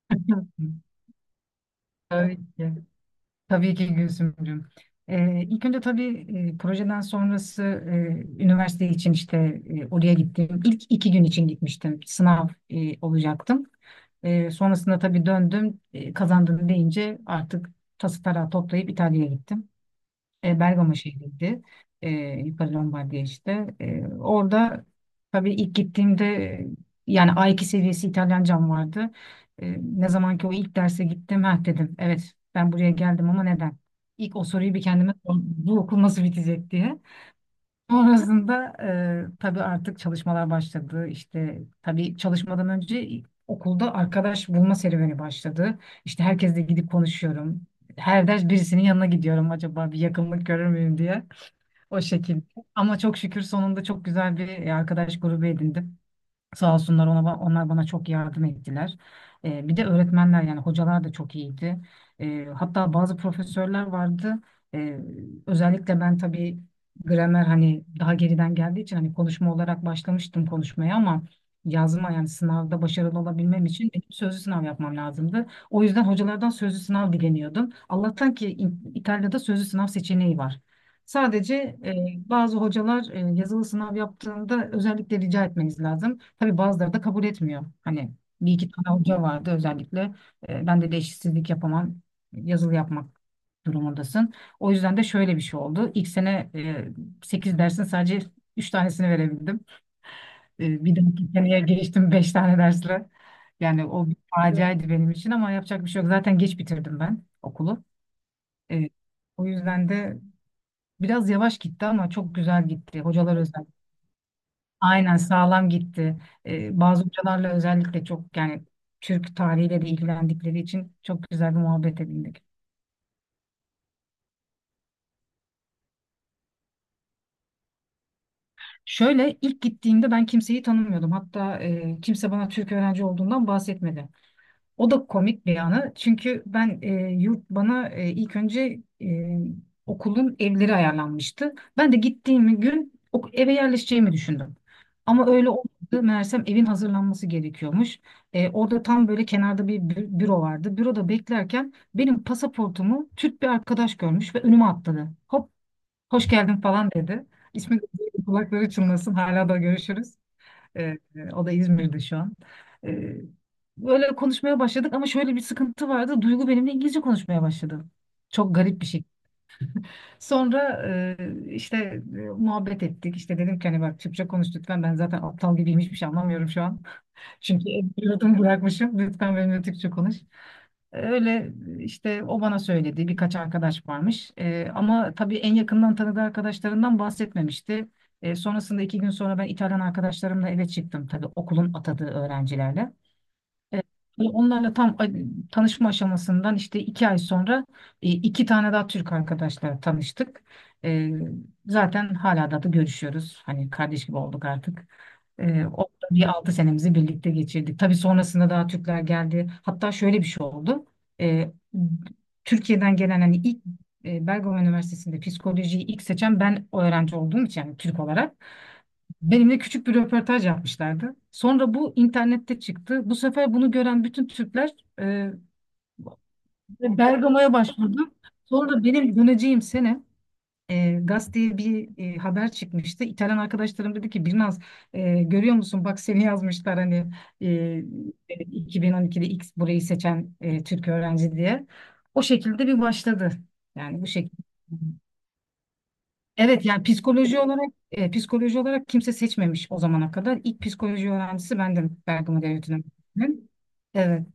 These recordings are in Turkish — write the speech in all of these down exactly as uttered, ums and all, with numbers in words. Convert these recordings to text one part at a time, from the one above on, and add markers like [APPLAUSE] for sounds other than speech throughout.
[LAUGHS] Tabii ki. Tabii ki Gülsümcüğüm. Ee, ilk önce tabii, e, projeden sonrası, e, üniversite için işte e, oraya gittim. İlk iki gün için gitmiştim. Sınav, e, olacaktım. E, sonrasında tabii döndüm. E, kazandım deyince artık tası tarağı toplayıp İtalya'ya gittim. E, Bergama şehriydi. E, Yukarı Lombardiya işte. E, orada tabii ilk gittiğimde, e, yani a iki seviyesi İtalyancam vardı. E, ne zaman ki o ilk derse gittim, ha dedim. Evet, ben buraya geldim ama neden? İlk o soruyu bir kendime sordum. Bu okul nasıl bitecek diye. Sonrasında e, tabii artık çalışmalar başladı. İşte tabii çalışmadan önce okulda arkadaş bulma serüveni başladı. İşte herkesle gidip konuşuyorum. Her ders birisinin yanına gidiyorum, acaba bir yakınlık görür müyüm diye. O şekilde. Ama çok şükür sonunda çok güzel bir arkadaş grubu edindim. Sağ olsunlar, ona, onlar bana çok yardım ettiler. Ee, bir de öğretmenler, yani hocalar da çok iyiydi. Ee, hatta bazı profesörler vardı. Ee, özellikle ben tabii gramer, hani daha geriden geldiği için, hani konuşma olarak başlamıştım konuşmaya ama yazma, yani sınavda başarılı olabilmem için benim sözlü sınav yapmam lazımdı. O yüzden hocalardan sözlü sınav dileniyordum. Allah'tan ki İ- İtalya'da sözlü sınav seçeneği var. Sadece e, bazı hocalar e, yazılı sınav yaptığında özellikle rica etmeniz lazım. Tabii bazıları da kabul etmiyor. Hani bir iki tane hoca vardı özellikle. E, ben de eşitsizlik yapamam. Yazılı yapmak durumundasın. O yüzden de şöyle bir şey oldu. İlk sene e, sekiz dersin sadece üç tanesini verebildim. E, bir dahaki seneye geçtim beş tane dersle. Yani o bir faciaydı benim için ama yapacak bir şey yok. Zaten geç bitirdim ben okulu. E, o yüzden de biraz yavaş gitti ama çok güzel gitti. Hocalar. Evet, özel. Aynen, sağlam gitti. Ee, bazı hocalarla özellikle çok, yani Türk tarihiyle de ilgilendikleri için çok güzel bir muhabbet edindik. Şöyle ilk gittiğimde ben kimseyi tanımıyordum. Hatta, e, kimse bana Türk öğrenci olduğundan bahsetmedi. O da komik bir yanı. Çünkü ben, e, yurt bana, e, ilk önce, e, okulun evleri ayarlanmıştı. Ben de gittiğim gün ok- eve yerleşeceğimi düşündüm. Ama öyle olmadı. Meğersem evin hazırlanması gerekiyormuş. E, orada tam böyle kenarda bir bü- büro vardı. Büroda beklerken benim pasaportumu Türk bir arkadaş görmüş ve önüme atladı. Hop, hoş geldin falan dedi. İsmi de- Kulakları çınlasın. Hala da görüşürüz. Ee, o da İzmir'de şu an. Ee, böyle konuşmaya başladık ama şöyle bir sıkıntı vardı. Duygu benimle İngilizce konuşmaya başladı. Çok garip bir şey. Sonra e, işte e, muhabbet ettik. İşte dedim ki, hani bak Türkçe konuş lütfen. Ben zaten aptal gibiyim, hiçbir şey anlamıyorum şu an. Çünkü yurdum bırakmışım. Lütfen benimle Türkçe konuş. Öyle işte, o bana söyledi, birkaç arkadaş varmış. Ee, ama tabii en yakından tanıdığı arkadaşlarından bahsetmemişti. Ee, sonrasında iki gün sonra ben İtalyan arkadaşlarımla eve çıktım, tabii okulun atadığı öğrencilerle. E, Onlarla tam a- tanışma aşamasından işte iki ay sonra, e, iki tane daha Türk arkadaşla tanıştık. E, zaten hala da da görüşüyoruz. Hani kardeş gibi olduk artık. E, orada bir altı senemizi birlikte geçirdik. Tabii sonrasında daha Türkler geldi. Hatta şöyle bir şey oldu. E, Türkiye'den gelen, hani ilk, e, Bergama Üniversitesi'nde psikolojiyi ilk seçen ben öğrenci olduğum için, yani Türk olarak. Benimle küçük bir röportaj yapmışlardı. Sonra bu internette çıktı. Bu sefer bunu gören bütün Türkler, e, Bergama'ya başvurdu. Sonra benim döneceğim sene, e, gazeteye bir e, haber çıkmıştı. İtalyan arkadaşlarım dedi ki, Birnaz, e, görüyor musun, bak seni yazmışlar, hani, e, iki bin on ikide X burayı seçen e, Türk öğrenci diye. O şekilde bir başladı. Yani bu şekilde. Evet, yani psikoloji olarak e, psikoloji olarak kimse seçmemiş o zamana kadar. İlk psikoloji öğrencisi bendim, Bergama Devlet Üniversitesi'nin. Evet.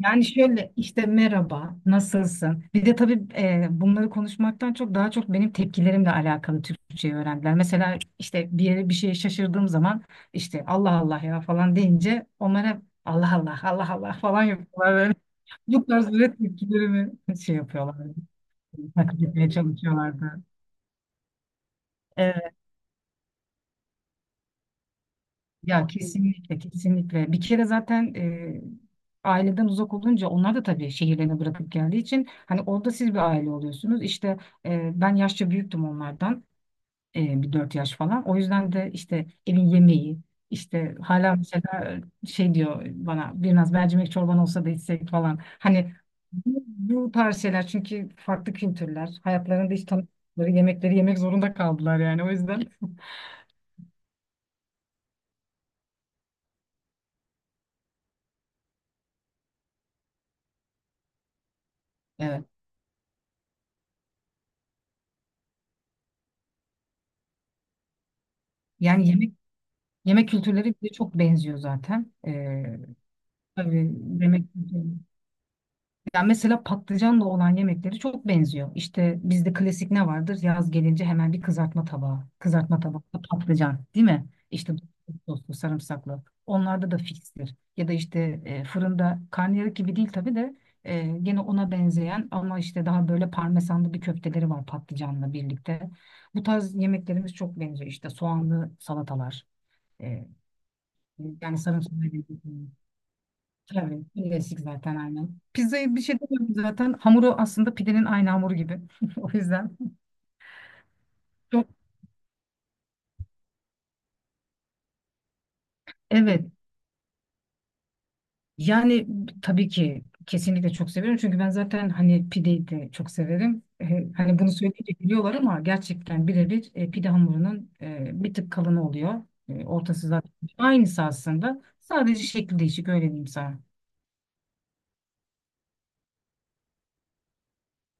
Yani şöyle işte, merhaba, nasılsın? Bir de tabii, e, bunları konuşmaktan çok daha çok benim tepkilerimle alakalı Türkçeyi öğrendiler. Mesela işte bir yere bir şeye şaşırdığım zaman işte Allah Allah ya falan deyince, onlara Allah Allah Allah Allah falan yapıyorlar böyle. [LAUGHS] Bu tarz böyle tepkilerimi şey yapıyorlar. Takip etmeye çalışıyorlardı. Evet. Ya kesinlikle, kesinlikle. Bir kere zaten, e, aileden uzak olunca, onlar da tabii şehirlerini bırakıp geldiği için hani orada siz bir aile oluyorsunuz. İşte, e, ben yaşça büyüktüm onlardan, e, bir dört yaş falan. O yüzden de işte evin yemeği, işte hala mesela şey diyor bana, biraz mercimek çorban olsa da içsek falan. Hani bu, bu tarz şeyler, çünkü farklı kültürler, hayatlarında hiç tanıdıkları yemekleri yemek zorunda kaldılar, yani o yüzden. [LAUGHS] Evet. Yani yemek yemek kültürleri bize çok benziyor zaten. Ee, tabii yemek kültürü. Yani mesela patlıcanla olan yemekleri çok benziyor. İşte bizde klasik ne vardır? Yaz gelince hemen bir kızartma tabağı. Kızartma tabakta patlıcan, değil mi? İşte soslu, sarımsaklı. Onlarda da fikstir. Ya da işte e, fırında karnıyarık gibi değil tabii de, e, gene ona benzeyen ama işte daha böyle parmesanlı bir köfteleri var patlıcanla birlikte. Bu tarz yemeklerimiz çok benziyor. İşte soğanlı salatalar. e, Yani sarımsaklı gerekiyor. Tabii. Klasik zaten aynen. Pizzayı bir şey demiyorum zaten. Hamuru aslında pidenin aynı hamuru gibi. [LAUGHS] O yüzden. Çok, evet. Yani tabii ki kesinlikle çok severim. Çünkü ben zaten hani pideyi de çok severim. E, hani bunu söyleyince biliyorlar ama gerçekten birebir e, pide hamurunun e, bir tık kalını oluyor. E, ortası zaten aynısı aslında. Sadece şekli değişik, öyle diyeyim sana.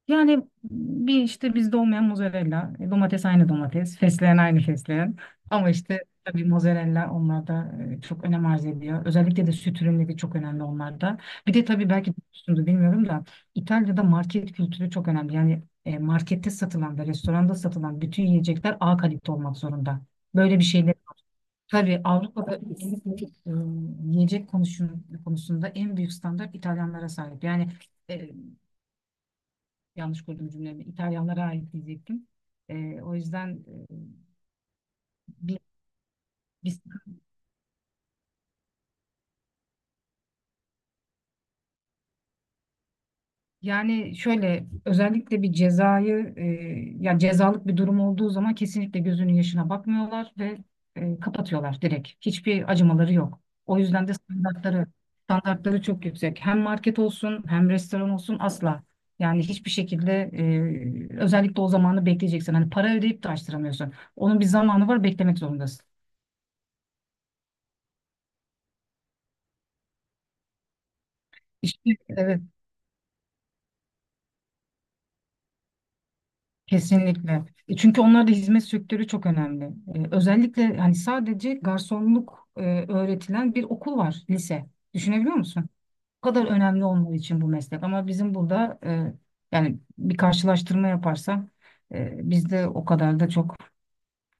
Yani bir işte bizde olmayan mozzarella, e, domates aynı domates, fesleğen aynı fesleğen. Ama işte tabii mozzarella onlarda e, çok önem arz ediyor. Özellikle de süt ürünleri çok önemli onlarda. Bir de tabii belki duymuşsundur bilmiyorum da, İtalya'da market kültürü çok önemli. Yani, e, markette satılan ve restoranda satılan bütün yiyecekler A kalite olmak zorunda. Böyle bir şeyler tabii Avrupa'da özellikle, e, yiyecek konuşun, konusunda en büyük standart İtalyanlara sahip. Yani, e, yanlış kurdum cümlemi. İtalyanlara ait diyecektim. Ee, o yüzden, e, bir, biz- yani şöyle özellikle bir cezayı, e, ya cezalık bir durum olduğu zaman kesinlikle gözünün yaşına bakmıyorlar ve, e, kapatıyorlar direkt. Hiçbir acımaları yok. O yüzden de standartları standartları çok yüksek. Hem market olsun hem restoran olsun, asla. Yani hiçbir şekilde, e, özellikle o zamanı bekleyeceksin. Hani para ödeyip de açtıramıyorsun. Onun bir zamanı var, beklemek zorundasın. İşte, evet. Kesinlikle. E, Çünkü onlarda hizmet sektörü çok önemli. E, özellikle hani sadece garsonluk e, öğretilen bir okul var, lise. Düşünebiliyor musun? Bu kadar önemli olmadığı için bu meslek. Ama bizim burada, e, yani bir karşılaştırma yaparsam, e, bizde o kadar da çok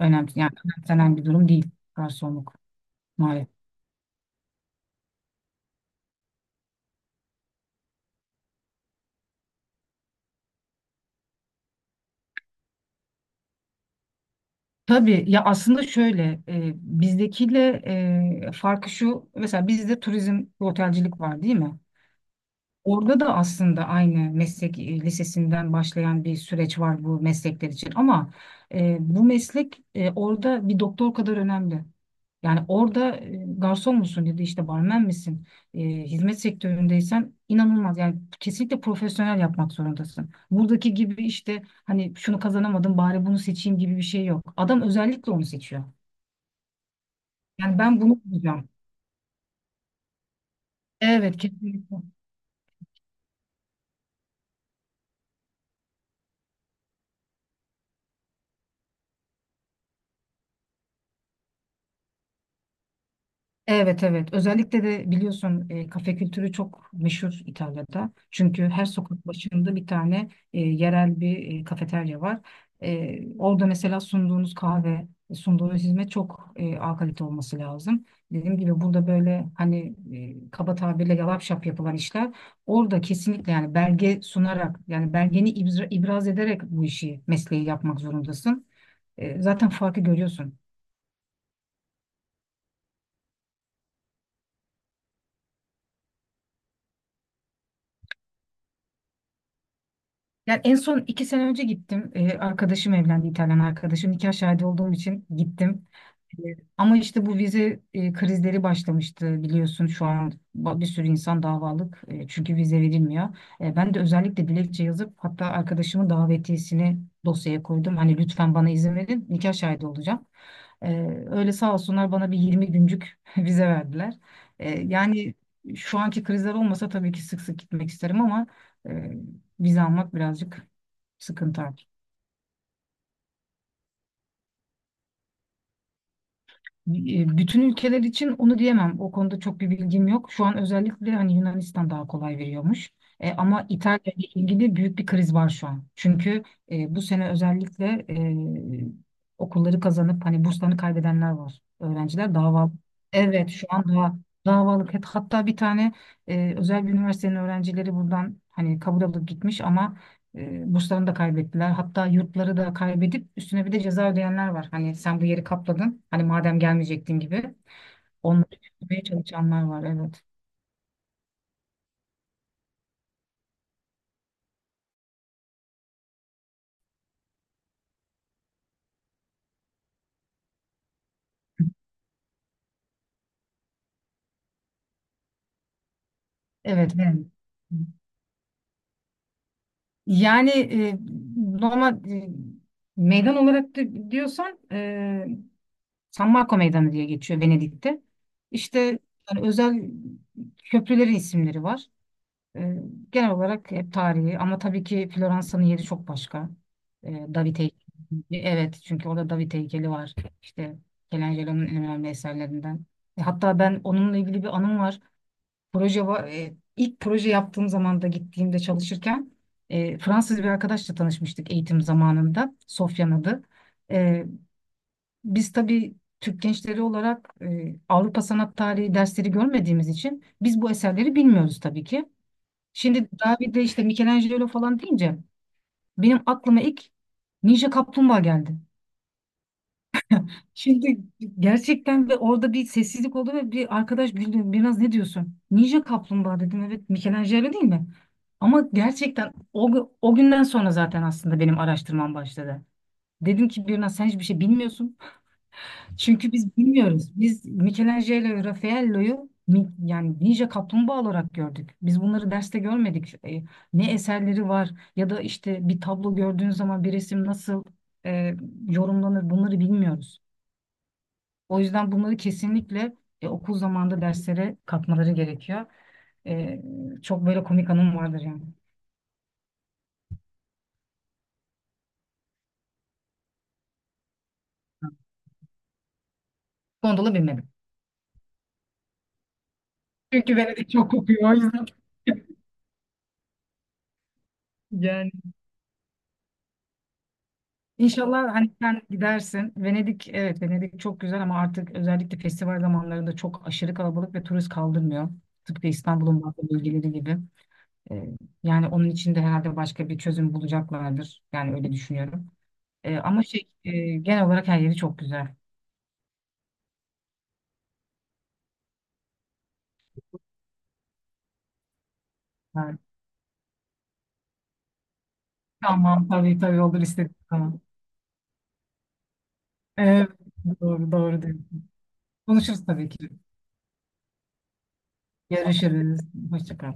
önemli, yani önemsenen bir durum değil garsonluk, maalesef. Tabii ya, aslında şöyle, e, bizdekiyle, e, farkı şu, mesela bizde turizm ve otelcilik var değil mi? Orada da aslında aynı meslek, e, lisesinden başlayan bir süreç var bu meslekler için ama, e, bu meslek, e, orada bir doktor kadar önemli. Yani orada, e, garson musun ya da işte barmen misin, e, hizmet sektöründeysen inanılmaz. Yani kesinlikle profesyonel yapmak zorundasın. Buradaki gibi işte, hani şunu kazanamadım, bari bunu seçeyim gibi bir şey yok. Adam özellikle onu seçiyor. Yani ben bunu yapacağım. Evet, kesinlikle. Evet evet, özellikle de biliyorsun e, kafe kültürü çok meşhur İtalya'da. Çünkü her sokak başında bir tane e, yerel bir e, kafeterya var. E, orada mesela sunduğunuz kahve, e, sunduğunuz hizmet çok e, A kalite olması lazım. Dediğim gibi burada böyle hani e, kaba tabirle yalap şap yapılan işler orada kesinlikle, yani belge sunarak, yani belgeni ibra- ibraz ederek bu işi, mesleği yapmak zorundasın. E, zaten farkı görüyorsun. Yani en son iki sene önce gittim. Ee, arkadaşım evlendi, İtalyan arkadaşım. Nikah şahidi olduğum için gittim. Ee, Ama işte bu vize e, krizleri başlamıştı biliyorsun, şu an ba- bir sürü insan davalık. E, çünkü vize verilmiyor. E, ben de özellikle dilekçe yazıp hatta arkadaşımın davetiyesini dosyaya koydum. Hani lütfen bana izin verin, nikah şahidi olacağım. E, öyle sağ olsunlar, bana bir yirmi güncük [LAUGHS] vize verdiler. E, yani şu anki krizler olmasa tabii ki sık sık gitmek isterim ama... e, vize almak birazcık sıkıntı artık. E, Bütün ülkeler için onu diyemem. O konuda çok bir bilgim yok. Şu an özellikle hani Yunanistan daha kolay veriyormuş. E, ama İtalya ile ilgili büyük bir kriz var şu an. Çünkü e, bu sene özellikle e, okulları kazanıp hani burslarını kaybedenler var. Öğrenciler dava. Evet, şu an daha davalık. Hat- Hatta bir tane e, özel bir üniversitenin öğrencileri buradan hani kabul alıp gitmiş ama E, burslarını da kaybettiler. Hatta yurtları da kaybedip üstüne bir de ceza ödeyenler var. Hani sen bu yeri kapladın, hani madem gelmeyecektin gibi. Onları çözmeye çalışanlar var. Evet. Evet. Ben. Yani e, normal e, meydan olarak di- diyorsan, e, San Marco Meydanı diye geçiyor Venedik'te. İşte yani özel köprülerin isimleri var. E, genel olarak hep tarihi ama tabii ki Floransa'nın yeri çok başka. E, David heykeli. Evet, çünkü orada David heykeli var. İşte Michelangelo'nun en önemli eserlerinden. E, hatta ben onunla ilgili bir anım var. Proje var. E, ilk proje yaptığım zaman da gittiğimde çalışırken, e, Fransız bir arkadaşla tanışmıştık eğitim zamanında. Sofyan adı. E, biz tabii Türk gençleri olarak, e, Avrupa sanat tarihi dersleri görmediğimiz için biz bu eserleri bilmiyoruz tabii ki. Şimdi David'de işte Michelangelo falan deyince benim aklıma ilk Ninja Kaplumbağa geldi. Şimdi gerçekten, ve orada bir sessizlik oldu ve bir arkadaş güldü. Biraz ne diyorsun? Ninja Kaplumbağa dedim. Evet, Michelangelo değil mi? Ama gerçekten o, gü- o günden sonra zaten aslında benim araştırmam başladı. Dedim ki, Birna sen hiçbir şey bilmiyorsun. Çünkü biz bilmiyoruz. Biz Michelangelo ve Raffaello'yu mi- yani Ninja Kaplumbağa olarak gördük. Biz bunları derste görmedik. E, ne eserleri var ya da işte bir tablo gördüğün zaman, bir resim nasıl e, yorumlanır, bunları bilmiyoruz. O yüzden bunları kesinlikle e, okul zamanında derslere katmaları gerekiyor. E, çok böyle komik anım vardır yani. Gondola binmedim. Çünkü Venedik çok kokuyor, o yüzden. [LAUGHS] Yani, İnşallah hani sen gidersin. Venedik, evet, Venedik çok güzel ama artık özellikle festival zamanlarında çok aşırı kalabalık ve turist kaldırmıyor. Tıpkı İstanbul'un bazı bölgeleri gibi. Ee, yani onun için de herhalde başka bir çözüm bulacaklardır. Yani öyle düşünüyorum. Ee, ama şey, e, genel olarak her yeri çok güzel. Evet. Tamam, tabii tabii olur, istedim. Tamam. Evet, doğru doğru diyorsun. Konuşuruz tabii ki. Görüşürüz. Hoşça kal.